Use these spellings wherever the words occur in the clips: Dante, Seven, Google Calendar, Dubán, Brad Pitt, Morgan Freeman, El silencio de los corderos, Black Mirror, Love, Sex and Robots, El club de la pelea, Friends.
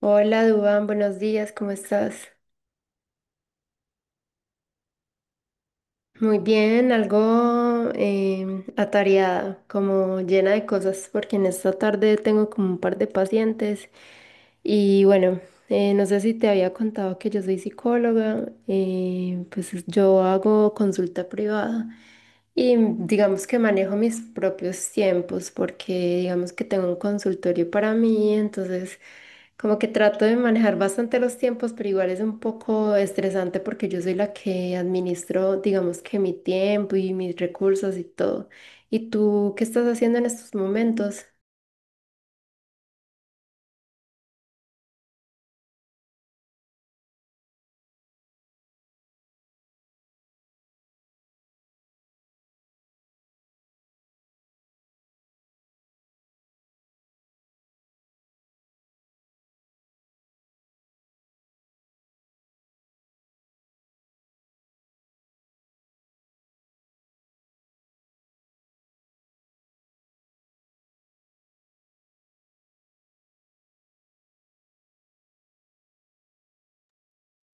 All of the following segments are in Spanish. Hola, Dubán, buenos días, ¿cómo estás? Muy bien, algo atareada, como llena de cosas, porque en esta tarde tengo como un par de pacientes y bueno, no sé si te había contado que yo soy psicóloga, pues yo hago consulta privada. Y digamos que manejo mis propios tiempos porque digamos que tengo un consultorio para mí, entonces como que trato de manejar bastante los tiempos, pero igual es un poco estresante porque yo soy la que administro, digamos que mi tiempo y mis recursos y todo. ¿Y tú qué estás haciendo en estos momentos?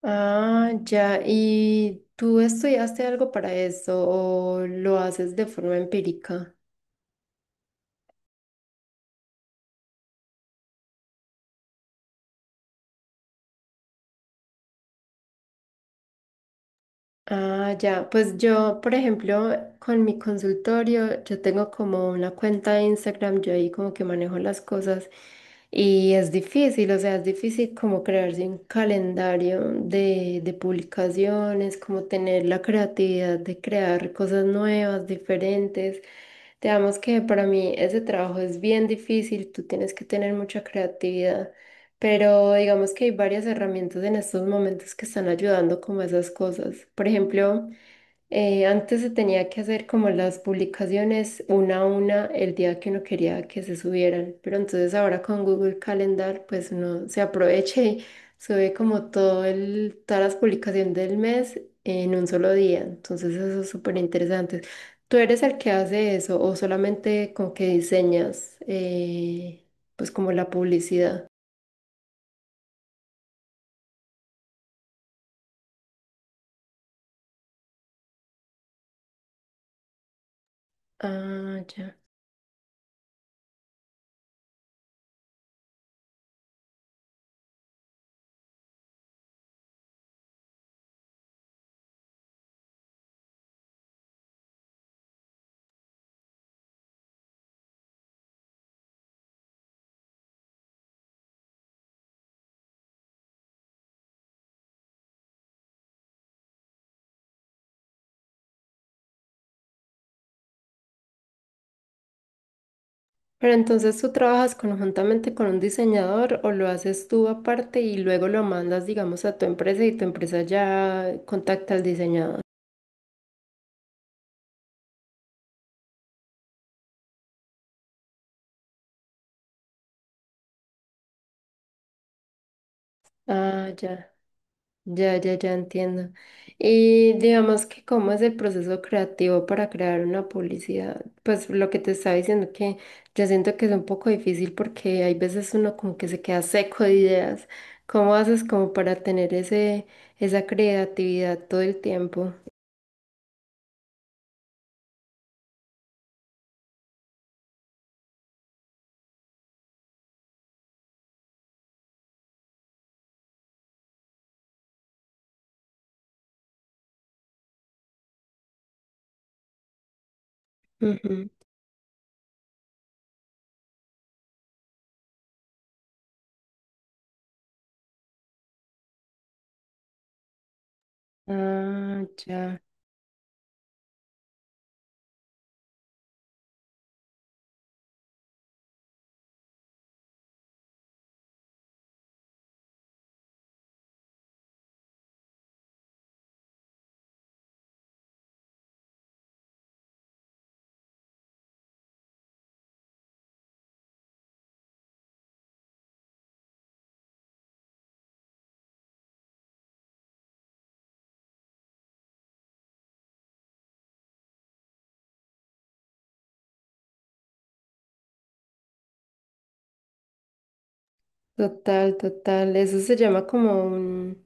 Ah, ya. ¿Y tú estudiaste algo para eso o lo haces de forma empírica? Ah, ya, pues yo, por ejemplo, con mi consultorio, yo tengo como una cuenta de Instagram, yo ahí como que manejo las cosas y es difícil, o sea, es difícil como crearse un calendario de publicaciones, como tener la creatividad de crear cosas nuevas, diferentes. Digamos que para mí ese trabajo es bien difícil, tú tienes que tener mucha creatividad. Pero digamos que hay varias herramientas en estos momentos que están ayudando como a esas cosas. Por ejemplo, antes se tenía que hacer como las publicaciones una a una el día que uno quería que se subieran, pero entonces ahora con Google Calendar pues uno se aprovecha y sube como todo el, todas las publicaciones del mes en un solo día. Entonces eso es súper interesante. ¿Tú eres el que hace eso o solamente con que diseñas pues como la publicidad? Ah, ya. Pero entonces tú trabajas conjuntamente con un diseñador o lo haces tú aparte y luego lo mandas, digamos, a tu empresa y tu empresa ya contacta al diseñador. Ah, ya, ya, ya, ya entiendo. Y digamos que cómo es el proceso creativo para crear una publicidad. Pues lo que te estaba diciendo que yo siento que es un poco difícil porque hay veces uno como que se queda seco de ideas. ¿Cómo haces como para tener ese, esa creatividad todo el tiempo? Ah, ya. Total, total. Eso se llama como un,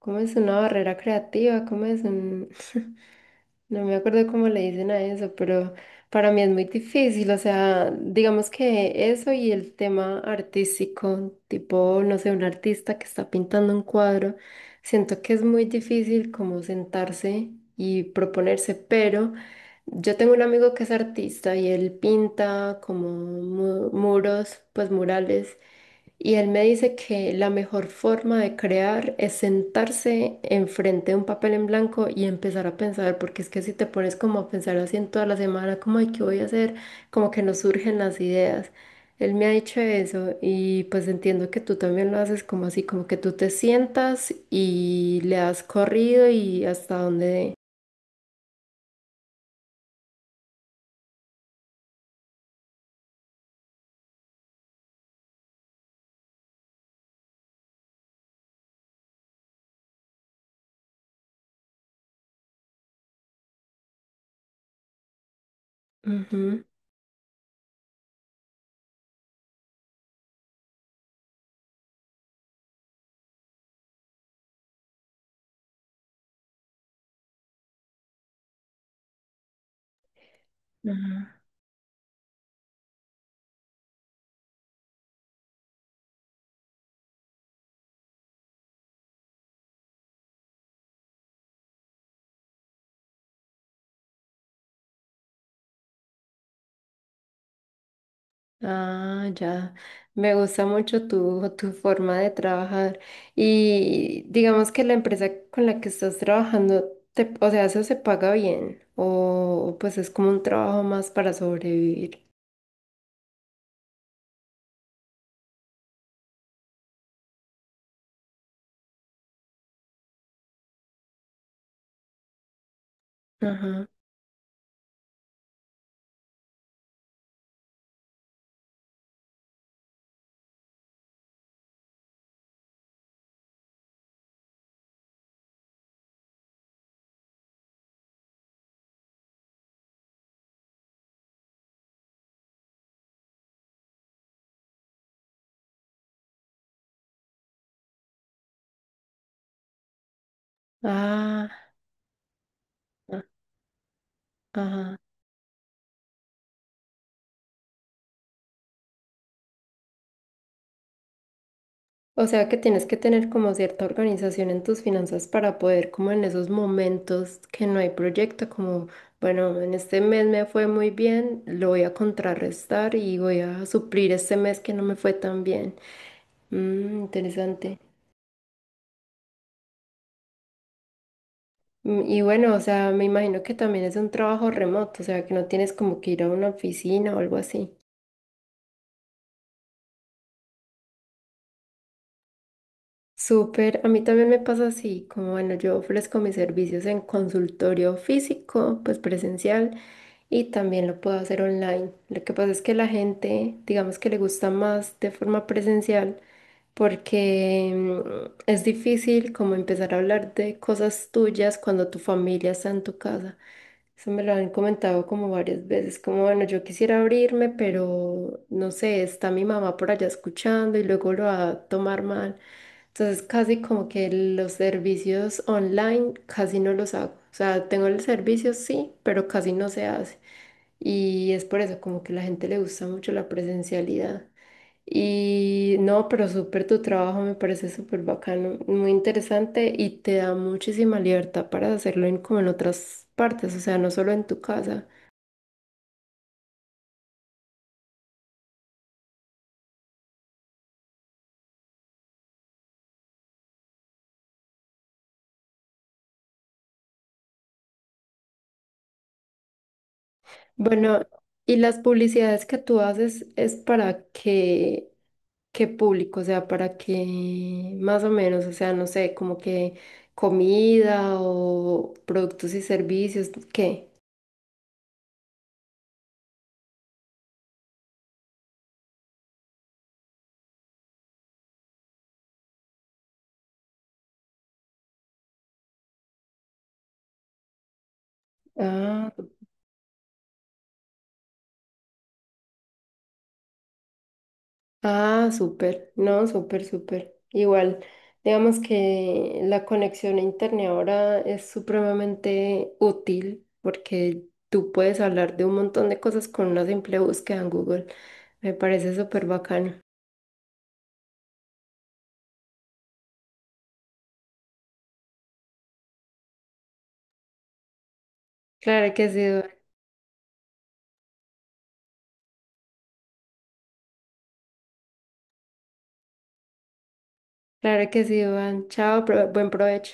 ¿cómo es? Una barrera creativa, ¿cómo es? Un, no me acuerdo cómo le dicen a eso, pero para mí es muy difícil. O sea, digamos que eso y el tema artístico, tipo, no sé, un artista que está pintando un cuadro, siento que es muy difícil como sentarse y proponerse, pero... Yo tengo un amigo que es artista y él pinta como muros, pues murales. Y él me dice que la mejor forma de crear es sentarse enfrente de un papel en blanco y empezar a pensar, porque es que si te pones como a pensar así en toda la semana, como, ay, ¿qué voy a hacer? Como que no surgen las ideas. Él me ha dicho eso y pues entiendo que tú también lo haces como así, como que tú te sientas y le has corrido y hasta donde dé. Ujú. Ujú. Ah, ya. Me gusta mucho tu, tu forma de trabajar. Y digamos que la empresa con la que estás trabajando, te, o sea, eso se paga bien. O pues es como un trabajo más para sobrevivir. Ajá. Ah, ah, ajá. O sea que tienes que tener como cierta organización en tus finanzas para poder, como en esos momentos que no hay proyecto, como, bueno, en este mes me fue muy bien, lo voy a contrarrestar y voy a suplir este mes que no me fue tan bien. Mm, interesante. Mm, y bueno, o sea, me imagino que también es un trabajo remoto, o sea, que no tienes como que ir a una oficina o algo así. Súper, a mí también me pasa así, como bueno, yo ofrezco mis servicios en consultorio físico, pues presencial, y también lo puedo hacer online. Lo que pasa es que la gente, digamos que le gusta más de forma presencial porque mm, es difícil como empezar a hablar de cosas tuyas cuando tu familia está en tu casa. Eso me lo han comentado como varias veces, como bueno, yo quisiera abrirme, pero no sé, está mi mamá por allá escuchando y luego lo va a tomar mal. Entonces casi como que los servicios online casi no los hago. O sea, tengo el servicio sí, pero casi no se hace. Y es por eso como que a la gente le gusta mucho la presencialidad. Y no, pero súper tu trabajo me parece súper bacano, muy interesante y te da muchísima libertad para hacerlo en, como en otras partes, o sea, no solo en tu casa. Bueno, ¿y las publicidades que tú haces es para qué? ¿Qué público? O sea, para que más o menos, o sea, no sé, como que comida o productos y servicios, ¿qué? Ah, ah, súper, no, súper, súper. Igual, digamos que la conexión a internet ahora es supremamente útil porque tú puedes hablar de un montón de cosas con una simple búsqueda en Google. Me parece súper bacano. Claro que sí, Duan. Claro que sí, Duan. Chao, buen provecho.